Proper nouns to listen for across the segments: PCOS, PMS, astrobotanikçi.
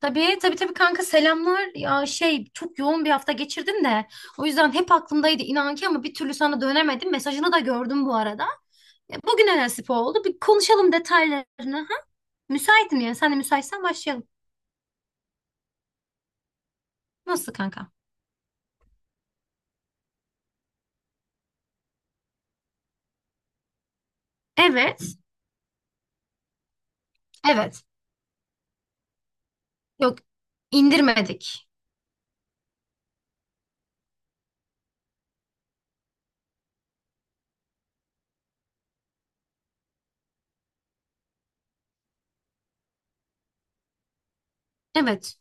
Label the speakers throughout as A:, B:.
A: Tabii tabii tabii kanka, selamlar. Ya şey çok yoğun bir hafta geçirdim de o yüzden hep aklımdaydı inan ki ama bir türlü sana dönemedim. Mesajını da gördüm bu arada. Ya, bugüne nasip oldu. Bir konuşalım detaylarını. Ha? Müsaitim yani. Sen de müsaitsen başlayalım. Nasıl kanka? Evet. Evet. Yok, indirmedik. Evet.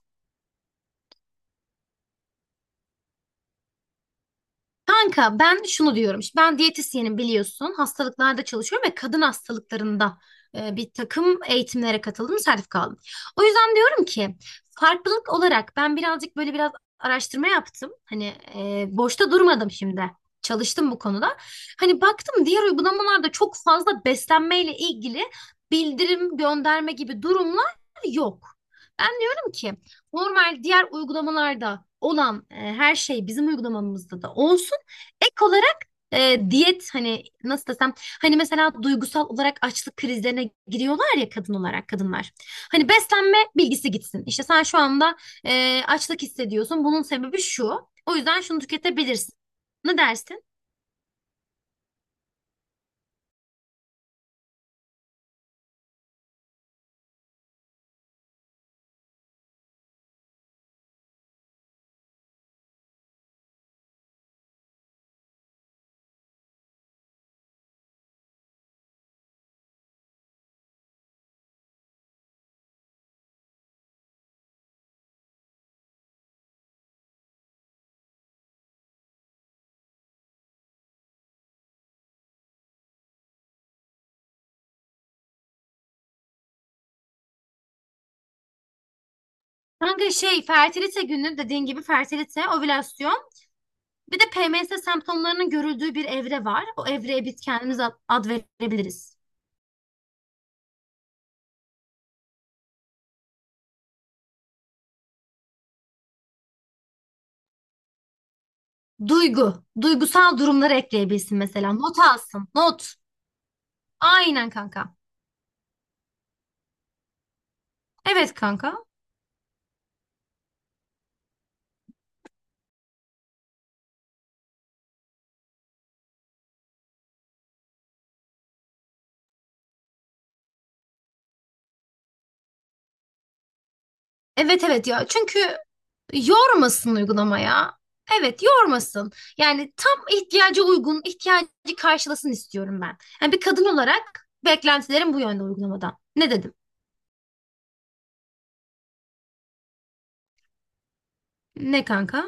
A: Kanka, ben şunu diyorum. Şimdi ben diyetisyenim, biliyorsun. Hastalıklarda çalışıyorum ve kadın hastalıklarında bir takım eğitimlere katıldım, sertifika aldım. O yüzden diyorum ki farklılık olarak ben birazcık böyle biraz araştırma yaptım. Hani boşta durmadım şimdi. Çalıştım bu konuda. Hani baktım, diğer uygulamalarda çok fazla beslenmeyle ilgili bildirim gönderme gibi durumlar yok. Ben diyorum ki normal diğer uygulamalarda olan her şey bizim uygulamamızda da olsun. Ek olarak diyet hani nasıl desem hani mesela duygusal olarak açlık krizlerine giriyorlar ya, kadın olarak kadınlar. Hani beslenme bilgisi gitsin. İşte sen şu anda açlık hissediyorsun. Bunun sebebi şu. O yüzden şunu tüketebilirsin. Ne dersin? Kanka şey fertilite günü dediğin gibi fertilite, ovülasyon, bir de PMS semptomlarının görüldüğü bir evre var. O evreye biz kendimiz ad verebiliriz. Duygusal durumları ekleyebilsin mesela. Not alsın, not. Aynen kanka. Evet kanka. Evet evet ya. Çünkü yormasın uygulamaya. Evet, yormasın. Yani tam ihtiyaca uygun, ihtiyacı karşılasın istiyorum ben. Yani bir kadın olarak beklentilerim bu yönde uygulamadan. Ne dedim? Ne kanka?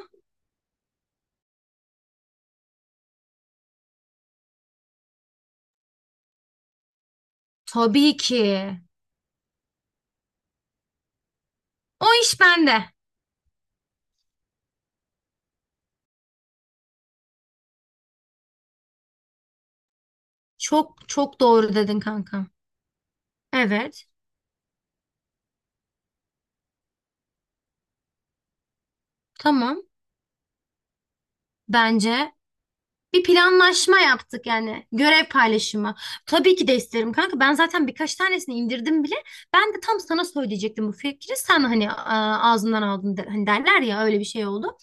A: Tabii ki. O iş bende. Çok çok doğru dedin kanka. Evet. Tamam. Bence bir planlaşma yaptık yani, görev paylaşımı. Tabii ki de isterim kanka. Ben zaten birkaç tanesini indirdim bile. Ben de tam sana söyleyecektim bu fikri. Sen hani ağzından aldın de- hani derler ya, öyle bir şey oldu.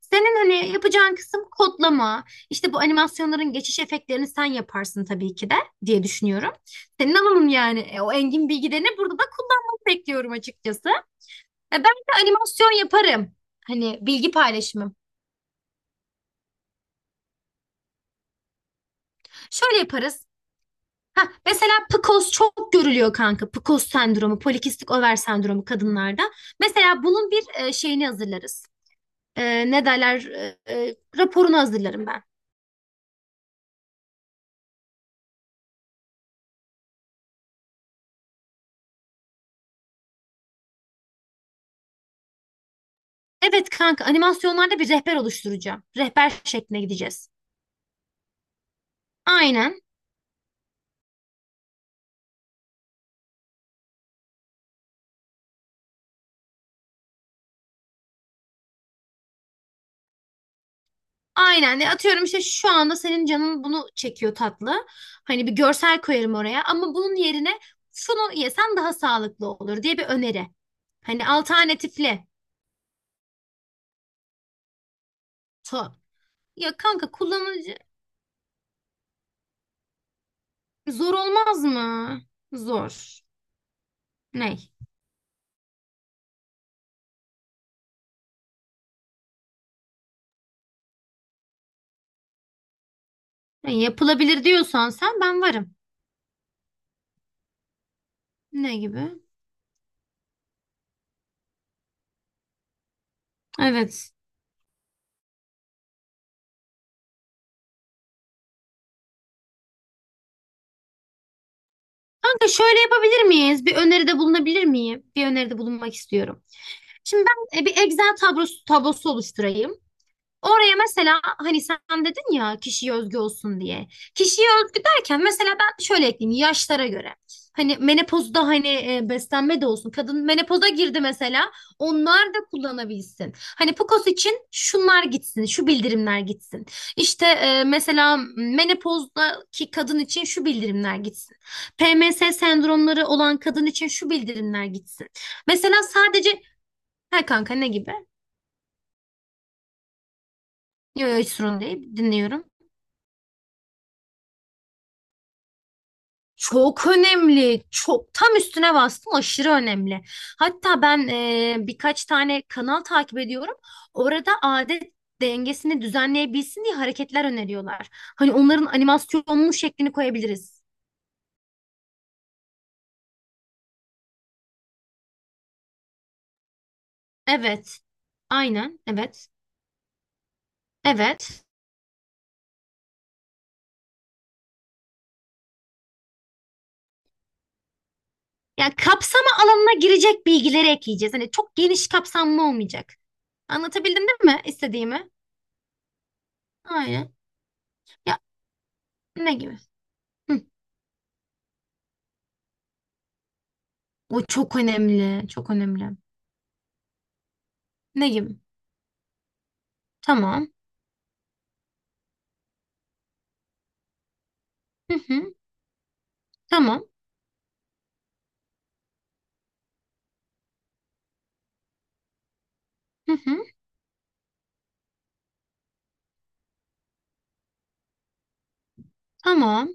A: Senin hani yapacağın kısım kodlama. İşte bu animasyonların geçiş efektlerini sen yaparsın tabii ki de diye düşünüyorum. Senin alanın yani. O engin bilgilerini burada da kullanmanı bekliyorum açıkçası. Ben de animasyon yaparım. Hani bilgi paylaşımı. Şöyle yaparız. Ha, mesela PCOS çok görülüyor kanka. PCOS sendromu, polikistik over sendromu kadınlarda. Mesela bunun bir şeyini hazırlarız. Ne derler? Raporunu hazırlarım ben. Evet kanka, animasyonlarda bir rehber oluşturacağım. Rehber şekline gideceğiz. Aynen. Aynen. Atıyorum, işte şu anda senin canın bunu çekiyor tatlı. Hani bir görsel koyarım oraya ama bunun yerine şunu yesen daha sağlıklı olur diye bir öneri. Hani alternatifli. To. Ya kanka, kullanıcı zor olmaz mı? Zor. Ne? Ne yapılabilir diyorsan sen, ben varım. Ne gibi? Evet. Kanka şöyle yapabilir miyiz? Bir öneride bulunabilir miyim? Bir öneride bulunmak istiyorum. Şimdi ben bir Excel tablosu oluşturayım. Oraya mesela hani sen dedin ya kişiye özgü olsun diye. Kişiye özgü derken mesela ben şöyle ekleyeyim yaşlara göre. Hani menopozda hani beslenme de olsun. Kadın menopoza girdi mesela. Onlar da kullanabilsin. Hani PCOS için şunlar gitsin, şu bildirimler gitsin. İşte mesela menopozdaki kadın için şu bildirimler gitsin. PMS sendromları olan kadın için şu bildirimler gitsin. Mesela sadece her kanka ne gibi? Yok yok, hiç sorun değil. Dinliyorum. Çok önemli. Çok, tam üstüne bastım. Aşırı önemli. Hatta ben birkaç tane kanal takip ediyorum. Orada adet dengesini düzenleyebilsin diye hareketler öneriyorlar. Hani onların animasyonlu şeklini koyabiliriz. Evet. Aynen. Evet. Evet. Yani kapsama alanına girecek bilgileri ekleyeceğiz. Hani çok geniş kapsamlı olmayacak. Anlatabildim değil mi istediğimi? Aynen. Ya, ne gibi? Hı. O çok önemli. Çok önemli. Ne gibi? Tamam. Hı hı. Tamam. Hı hı. Tamam.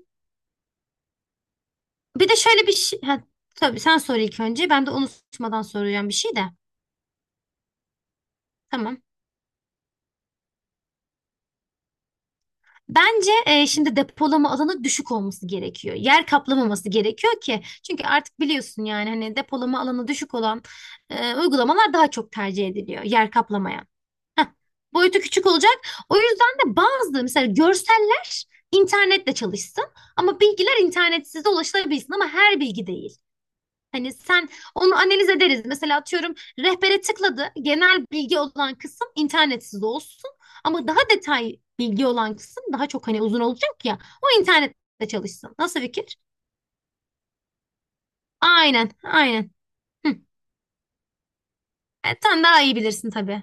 A: Bir de şöyle bir şey. Ha, tabii sen sor ilk önce. Ben de unutmadan soracağım bir şey de. Tamam. Bence şimdi depolama alanı düşük olması gerekiyor. Yer kaplamaması gerekiyor ki. Çünkü artık biliyorsun yani, hani depolama alanı düşük olan uygulamalar daha çok tercih ediliyor. Yer kaplamayan. Heh, boyutu küçük olacak. O yüzden de bazı mesela görseller internetle çalışsın ama bilgiler internetsiz de ulaşılabilsin, ama her bilgi değil. Hani sen onu analiz ederiz. Mesela atıyorum, rehbere tıkladı. Genel bilgi olan kısım internetsiz olsun. Ama daha detay bilgi olan kısım daha çok hani uzun olacak ya. O internette çalışsın. Nasıl fikir? Aynen, aynen. Hı. Sen daha iyi bilirsin tabii.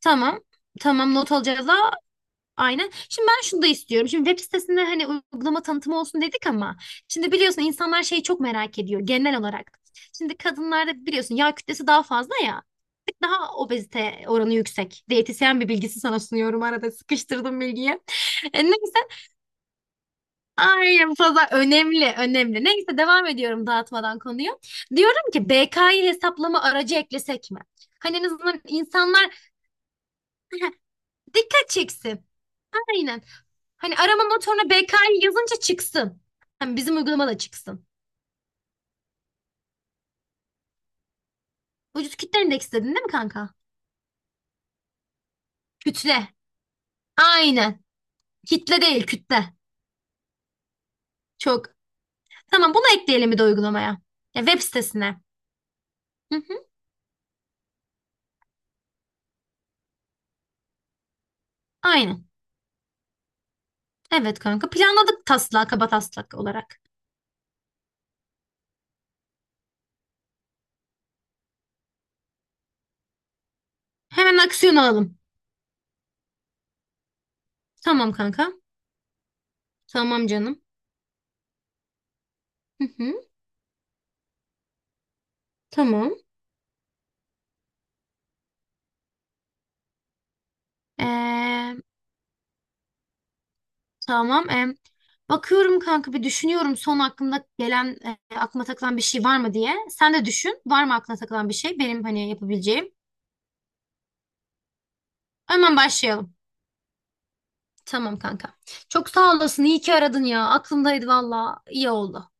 A: Tamam. Tamam, not alacağız ha. Aynen. Şimdi ben şunu da istiyorum. Şimdi web sitesinde hani uygulama tanıtımı olsun dedik ama şimdi biliyorsun insanlar şeyi çok merak ediyor genel olarak. Şimdi kadınlarda biliyorsun yağ kütlesi daha fazla ya, daha obezite oranı yüksek. Diyetisyen bir bilgisi sana sunuyorum, arada sıkıştırdım bilgiyi. Neyse, ay bu fazla önemli önemli. Neyse devam ediyorum dağıtmadan konuyu. Diyorum ki BK'yı hesaplama aracı eklesek mi? Hani en azından insanlar dikkat çeksin. Aynen. Hani arama motoruna BK'yı yazınca çıksın. Hani bizim uygulama da çıksın. Vücut kitle endeksi dedin değil mi kanka? Kütle. Aynen. Kitle değil, kütle. Çok. Tamam, bunu ekleyelim bir de uygulamaya. Ya, web sitesine. Hı hı, aynen. Evet kanka. Planladık taslak, kaba taslak olarak. Hemen aksiyon alalım. Tamam kanka. Tamam canım. Hı hı, tamam. Ee, tamam. Bakıyorum kanka, bir düşünüyorum son aklımda gelen, aklıma takılan bir şey var mı diye. Sen de düşün. Var mı aklına takılan bir şey? Benim hani yapabileceğim. Hemen başlayalım. Tamam kanka. Çok sağ olasın. İyi ki aradın ya. Aklımdaydı valla. İyi oldu.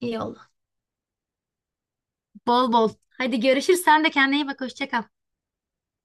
A: İyi oldu. Bol bol. Hadi görüşürüz. Sen de kendine iyi bak. Hoşça kal.